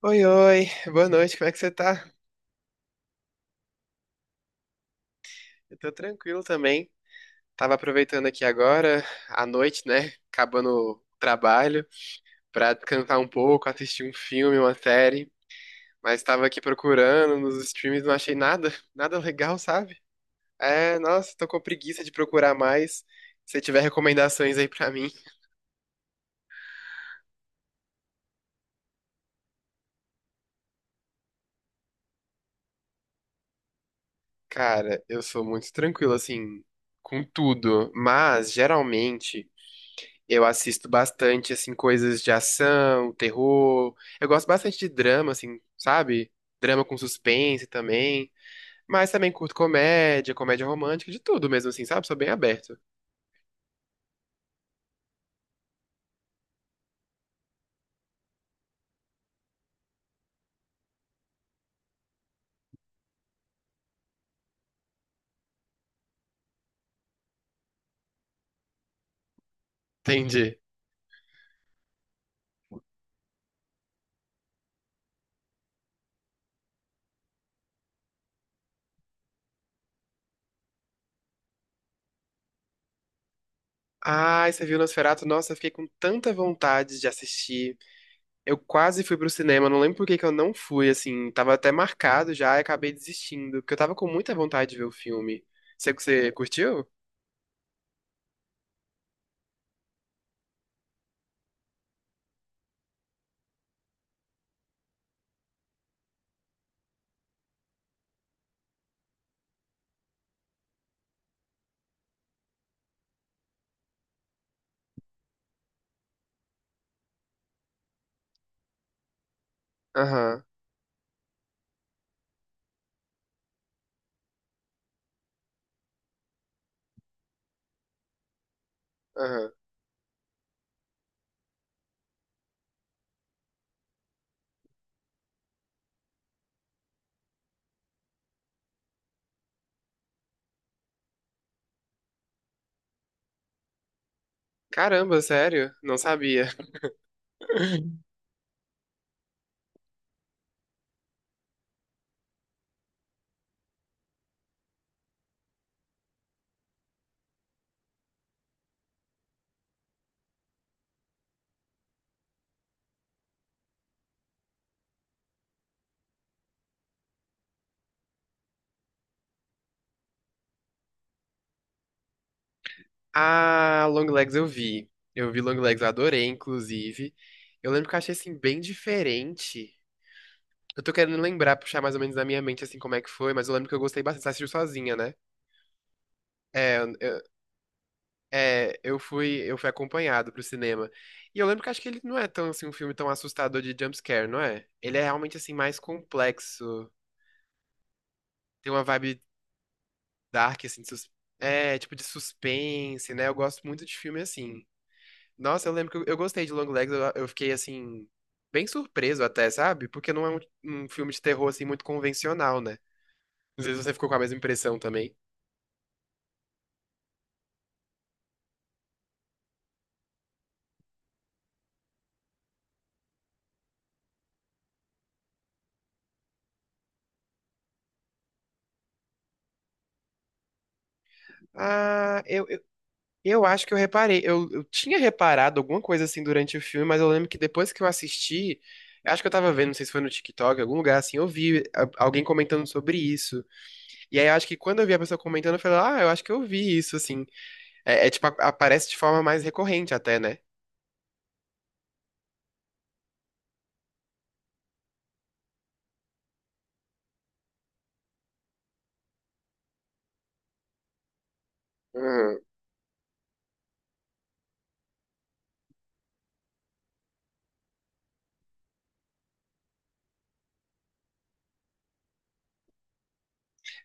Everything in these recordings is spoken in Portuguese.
Oi, oi, boa noite, como é que você tá? Eu tô tranquilo também. Tava aproveitando aqui agora, à noite, né? Acabando o trabalho, pra descansar um pouco, assistir um filme, uma série. Mas tava aqui procurando nos streams, não achei nada, nada legal, sabe? É, nossa, tô com preguiça de procurar mais. Se tiver recomendações aí pra mim. Cara, eu sou muito tranquilo, assim, com tudo. Mas, geralmente. Eu assisto bastante, assim, coisas de ação, terror. Eu gosto bastante de drama, assim, sabe? Drama com suspense também. Mas também curto comédia, comédia romântica, de tudo mesmo, assim, sabe? Sou bem aberto. Entendi. Ai, você viu Nosferatu? Nossa, eu fiquei com tanta vontade de assistir. Eu quase fui pro cinema, não lembro por que que eu não fui, assim. Tava até marcado já e acabei desistindo, porque eu tava com muita vontade de ver o filme. Você curtiu? Aham, aham. Caramba, sério? Não sabia. A Longlegs eu vi. Eu vi Longlegs, eu adorei, inclusive. Eu lembro que eu achei, assim, bem diferente. Eu tô querendo lembrar, puxar mais ou menos na minha mente, assim, como é que foi, mas eu lembro que eu gostei bastante. Você assistiu sozinha, né? É, eu, eu- eu fui acompanhado pro cinema. E eu lembro que acho que ele não é tão, assim, um filme tão assustador de jumpscare, não é? Ele é realmente, assim, mais complexo. Tem uma vibe dark, assim, tipo de suspense, né? Eu gosto muito de filme assim. Nossa, eu lembro que eu gostei de Long Legs, eu fiquei assim, bem surpreso até, sabe? Porque não é um filme de terror assim muito convencional, né? Não sei se você ficou com a mesma impressão também. Ah, eu acho que eu reparei. Eu tinha reparado alguma coisa assim durante o filme, mas eu lembro que depois que eu assisti, eu acho que eu tava vendo, não sei se foi no TikTok, em algum lugar assim, eu vi alguém comentando sobre isso. E aí eu acho que quando eu vi a pessoa comentando, eu falei, ah, eu acho que eu vi isso, assim. É, é, tipo, aparece de forma mais recorrente até, né? Uhum.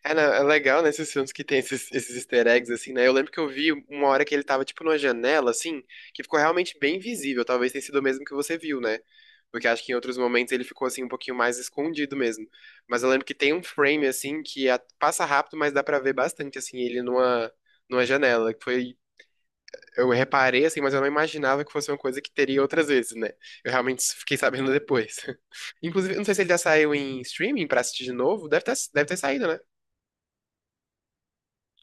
É, não, é legal nesses filmes que tem esses easter eggs, assim, né? Eu lembro que eu vi uma hora que ele tava, tipo, numa janela, assim, que ficou realmente bem visível. Talvez tenha sido o mesmo que você viu, né? Porque acho que em outros momentos ele ficou, assim, um pouquinho mais escondido mesmo. Mas eu lembro que tem um frame, assim, que passa rápido, mas dá pra ver bastante, assim, ele numa janela. Que foi eu reparei assim, mas eu não imaginava que fosse uma coisa que teria outras vezes, né? Eu realmente fiquei sabendo depois. Inclusive, eu não sei se ele já saiu em streaming pra assistir de novo. Deve ter saído, né?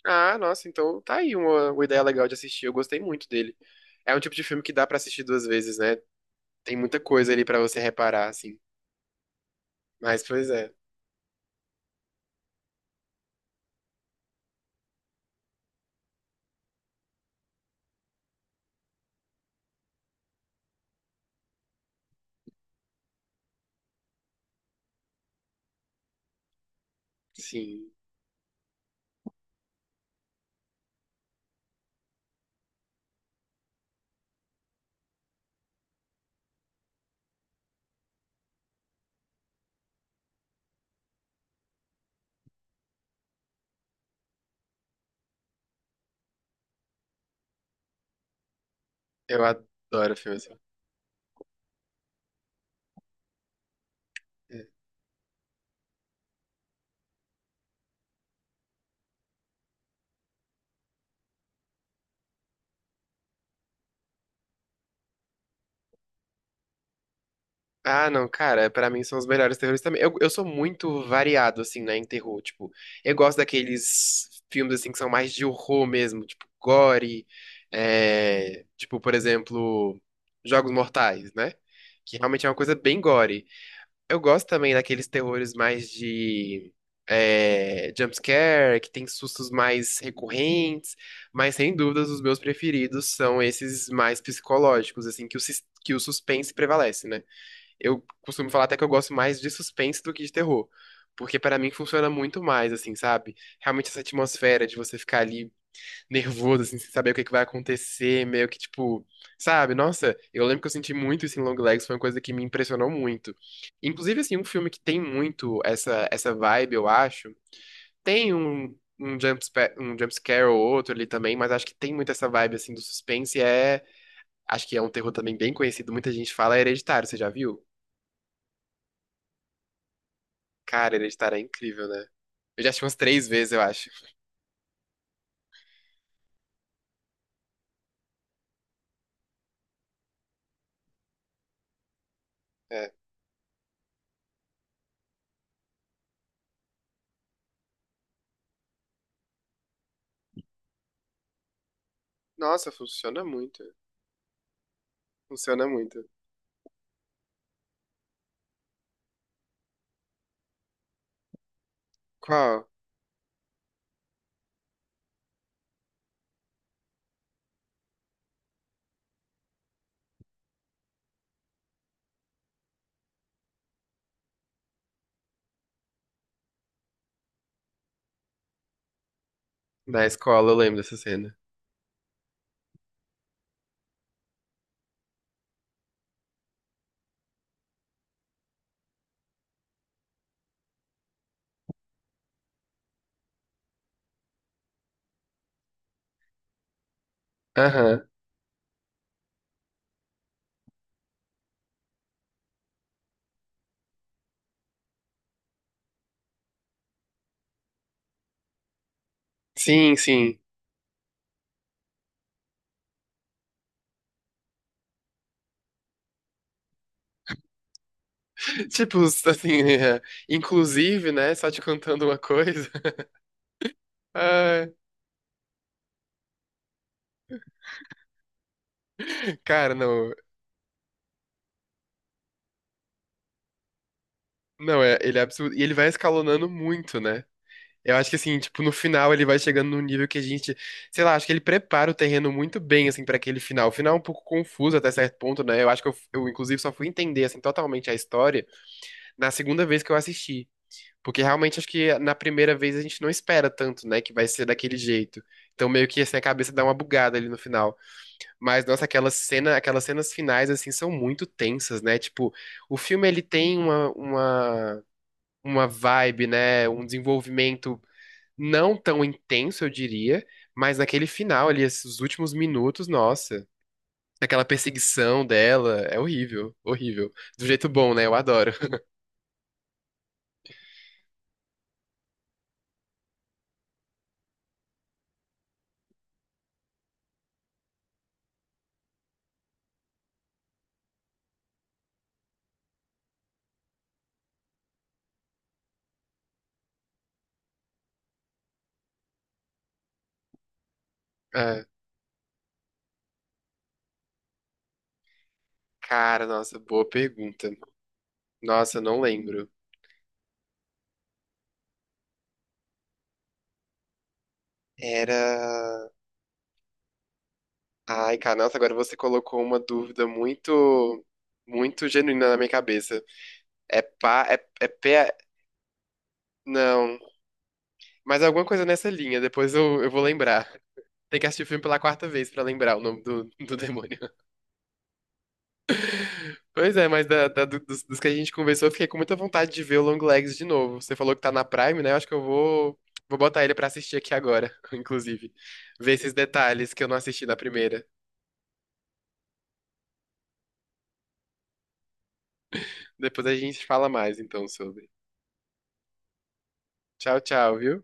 Ah, nossa, então tá aí uma ideia legal de assistir. Eu gostei muito dele. É um tipo de filme que dá pra assistir duas vezes, né? Tem muita coisa ali pra você reparar, assim. Mas, pois é, sim. Eu adoro filme assim. É. Ah, não, cara, pra mim são os melhores terrores também. Eu sou muito variado, assim, né, em terror. Tipo, eu gosto daqueles filmes, assim, que são mais de horror mesmo, tipo, gore. É, tipo, por exemplo, Jogos Mortais, né? Que realmente é uma coisa bem gore. Eu gosto também daqueles terrores mais de. É, jumpscare, que tem sustos mais recorrentes, mas sem dúvidas os meus preferidos são esses mais psicológicos, assim, que o suspense prevalece, né? Eu costumo falar até que eu gosto mais de suspense do que de terror. Porque pra mim funciona muito mais, assim, sabe? Realmente essa atmosfera de você ficar ali nervoso, assim, sem saber o que que vai acontecer, meio que tipo, sabe? Nossa, eu lembro que eu senti muito isso em Long Legs, foi uma coisa que me impressionou muito. Inclusive, assim, um filme que tem muito essa vibe, eu acho. Tem um jump scare ou outro ali também, mas acho que tem muito essa vibe, assim, do suspense. É, acho que é um terror também bem conhecido, muita gente fala, é Hereditário, você já viu? Cara, Hereditário é incrível, né? Eu já assisti umas três vezes, eu acho. É. Nossa, funciona muito. Funciona muito. Qual? Na escola, eu lembro dessa cena. Aham. Sim, sim. Tipo, assim, é, inclusive, né? Só te contando uma coisa. Ah, cara, não. Não, é, ele é absurdo. E ele vai escalonando muito, né? Eu acho que assim, tipo, no final ele vai chegando num nível que a gente, sei lá, acho que ele prepara o terreno muito bem, assim, pra aquele final. O final é um pouco confuso até certo ponto, né? Eu acho que inclusive, só fui entender, assim, totalmente a história na segunda vez que eu assisti. Porque realmente acho que na primeira vez a gente não espera tanto, né, que vai ser daquele jeito. Então meio que assim a cabeça dá uma bugada ali no final. Mas nossa, aquela cena, aquelas cenas finais assim são muito tensas, né? Tipo, o filme ele tem uma vibe, né, um desenvolvimento não tão intenso, eu diria, mas naquele final ali, esses últimos minutos, nossa, aquela perseguição dela é horrível, horrível. Do jeito bom, né? Eu adoro. Ah, cara, nossa, boa pergunta. Nossa, eu não lembro. Era. Ai, cara, nossa, agora você colocou uma dúvida muito, muito genuína na minha cabeça. É pá, é, é pé. Não. Mas alguma coisa nessa linha, depois eu vou lembrar. Tem que assistir o filme pela quarta vez pra lembrar o nome do demônio. Pois é, mas dos que a gente conversou, eu fiquei com muita vontade de ver o Long Legs de novo. Você falou que tá na Prime, né? Eu acho que eu vou botar ele pra assistir aqui agora, inclusive. Ver esses detalhes que eu não assisti na primeira. Depois a gente fala mais, então, sobre. Tchau, tchau, viu?